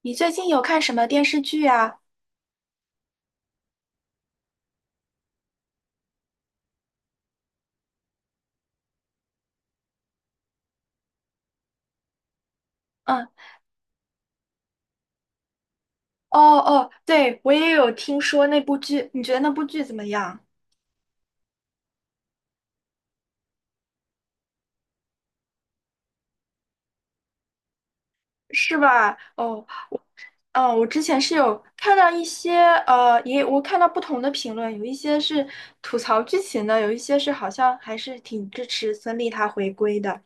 你最近有看什么电视剧啊？嗯。哦哦，对，我也有听说那部剧，你觉得那部剧怎么样？是吧？哦。嗯，我之前是有看到一些，我看到不同的评论，有一些是吐槽剧情的，有一些是好像还是挺支持孙俪她回归的。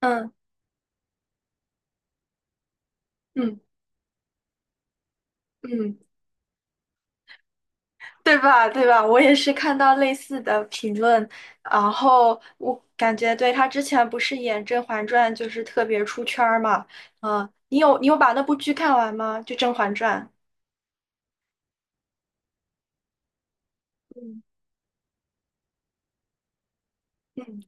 嗯嗯嗯。对吧？对吧？我也是看到类似的评论，然后我感觉对他之前不是演《甄嬛传》就是特别出圈儿嘛。嗯，你有把那部剧看完吗？就《甄嬛传》。嗯。嗯，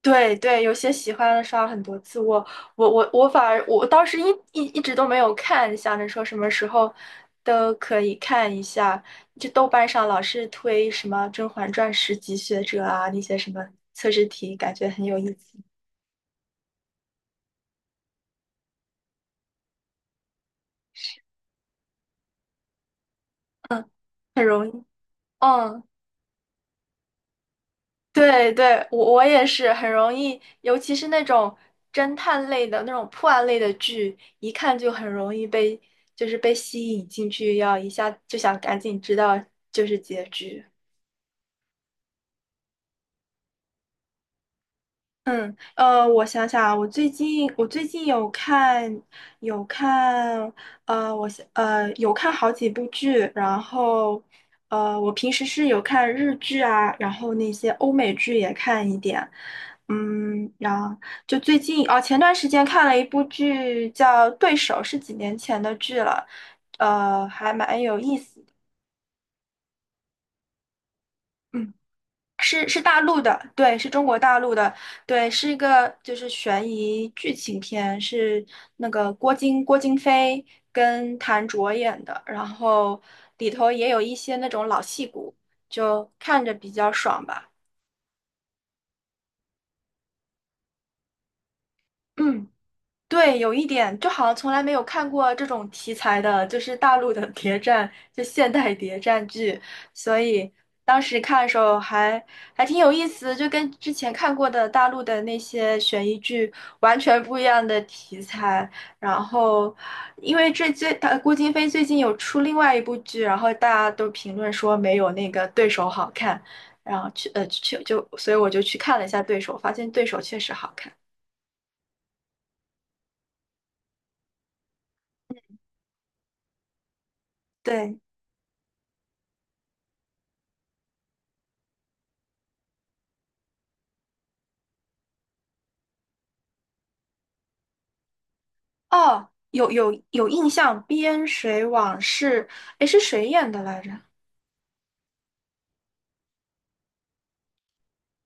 对对，有些喜欢的刷了很多次，我反而我当时一直都没有看，想着说什么时候都可以看一下。就豆瓣上老是推什么《甄嬛传》十级学者啊，那些什么测试题，感觉很有意思。嗯。很容易。嗯。对对，我我也是很容易，尤其是那种侦探类的那种破案类的剧，一看就很容易被被吸引进去，要一下就想赶紧知道结局。我想想啊，我最近有看有看，有看好几部剧。然后我平时是有看日剧啊，然后那些欧美剧也看一点。嗯，然后就最近哦，前段时间看了一部剧叫《对手》，是几年前的剧了，呃，还蛮有意思的。嗯。是大陆的，对，是中国大陆的。对，是一个就是悬疑剧情片，是那个郭京飞跟谭卓演的，然后里头也有一些那种老戏骨，就看着比较爽吧。嗯。对，有一点，就好像从来没有看过这种题材的，就是大陆的谍战，就现代谍战剧，所以当时看的时候还挺有意思，就跟之前看过的大陆的那些悬疑剧完全不一样的题材。然后，因为这最他郭京飞最近有出另外一部剧，然后大家都评论说没有那个对手好看，然后去呃去就，所以我就去看了一下对手，发现对手确实好看。对。哦，有有有印象，《边水往事》，诶，是谁演的来着？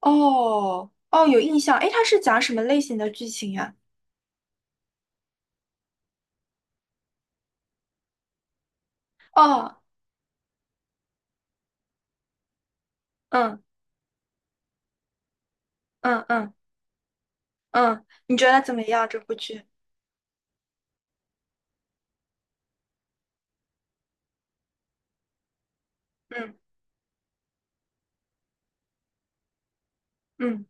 哦哦，有印象，诶，它是讲什么类型的剧情呀？哦。嗯嗯嗯嗯。你觉得怎么样这部剧？嗯嗯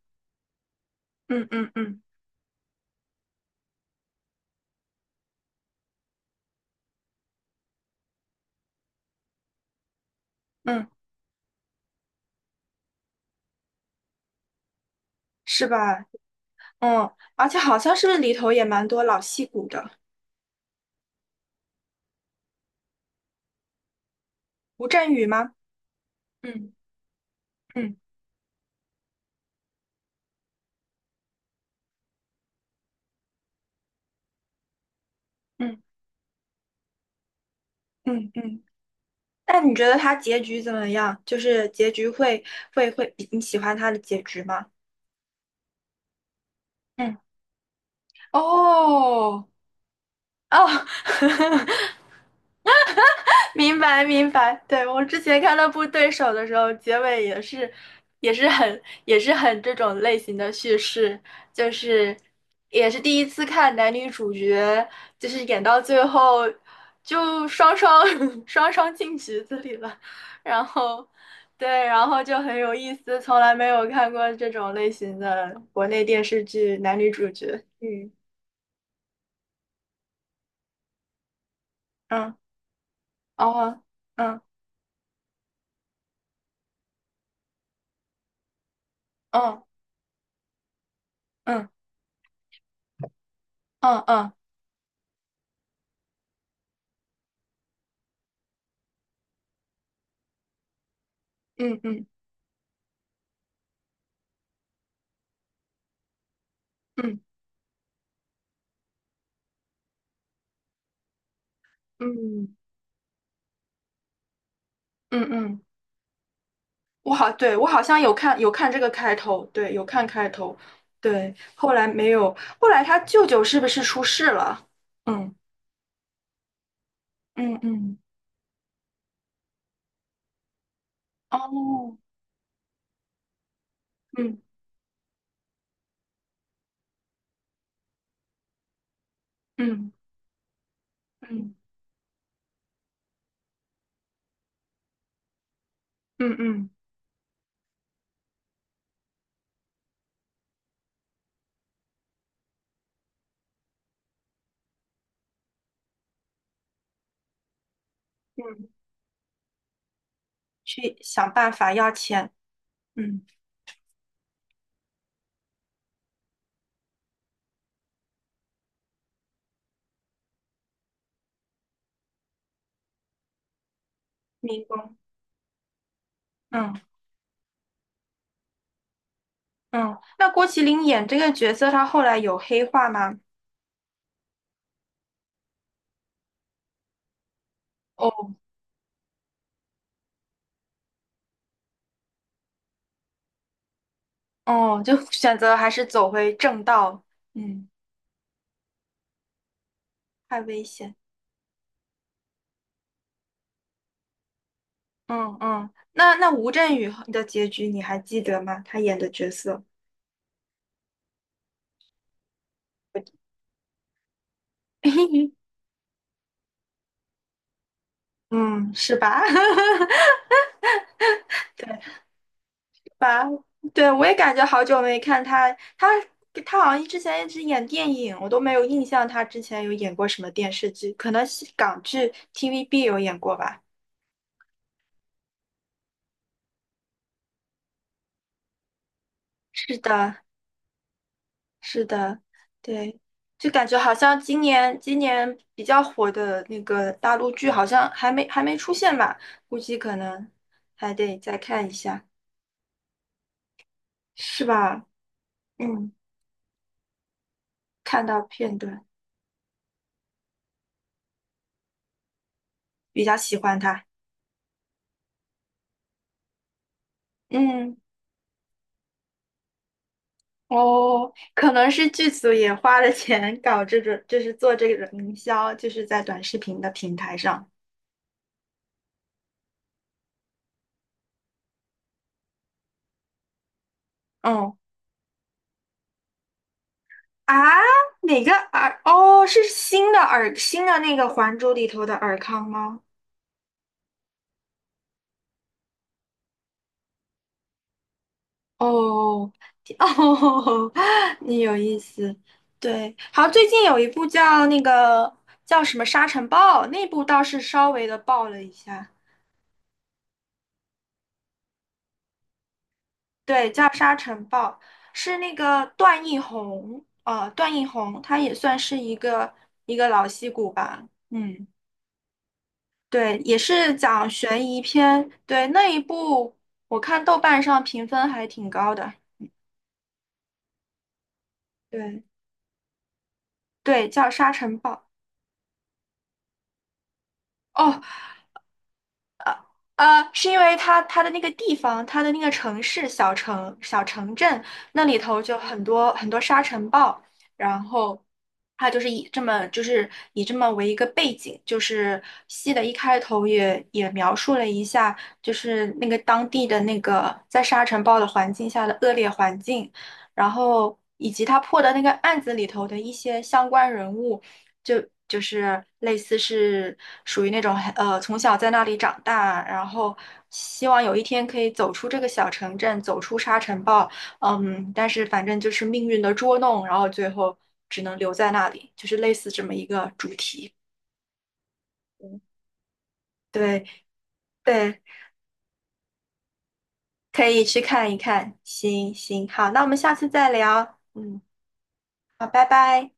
嗯嗯嗯嗯。是吧？嗯，而且好像是不是里头也蛮多老戏骨的，吴镇宇吗？嗯嗯嗯嗯嗯。那你觉得他结局怎么样？就是结局会会，你喜欢他的结局吗？嗯。哦哦，明白明白。对，我之前看那部《对手》的时候，结尾也是，也是很这种类型的叙事，就是也是第一次看男女主角，就是演到最后就双双 双双进局子里了。然后对，然后就很有意思，从来没有看过这种类型的国内电视剧男女主角。嗯嗯。哦嗯嗯。嗯嗯嗯嗯嗯嗯嗯嗯嗯，我好，对，我好像有看有看这个开头，对，有看开头，对，后来没有，后来他舅舅是不是出事了？嗯嗯嗯，哦，嗯嗯嗯嗯嗯嗯，去想办法要钱。嗯，民工。嗯嗯。那郭麒麟演这个角色，他后来有黑化吗？哦哦，就选择还是走回正道。嗯，太危险。嗯嗯，那那吴镇宇的结局你还记得吗？他演的角色，嗯，是吧？吧。对，我也感觉好久没看他，他他好像之前一直演电影，我都没有印象他之前有演过什么电视剧，可能是港剧 TVB 有演过吧。是的，是的。对，就感觉好像今年比较火的那个大陆剧好像还没出现吧，估计可能还得再看一下。是吧？嗯，看到片段，比较喜欢他。嗯。哦，可能是剧组也花了钱搞这种，就是做这个营销，就是在短视频的平台上。嗯啊，哪个尔？哦，是新的尔，新的那个《还珠》里头的尔康吗？哦哦，你有意思。对，好，最近有一部叫那个叫什么《沙尘暴》，那部倒是稍微的爆了一下。对，叫《沙尘暴》，是那个段奕宏，呃，段奕宏他也算是一个老戏骨吧。嗯，对，也是讲悬疑片，对，那一部我看豆瓣上评分还挺高的。对对，叫《沙尘暴》。哦，呃，是因为它的那个地方，它的那个城市、小城、小城镇那里头就很多沙尘暴，然后它就是以这么为一个背景，就是戏的一开头也描述了一下，就是那个当地的那个在沙尘暴的环境下的恶劣环境，然后以及他破的那个案子里头的一些相关人物。就就是类似是属于那种呃从小在那里长大，然后希望有一天可以走出这个小城镇，走出沙尘暴。嗯，但是反正就是命运的捉弄，然后最后只能留在那里，就是类似这么一个主题。嗯对对，可以去看一看。行行，好，那我们下次再聊。嗯，好，拜拜。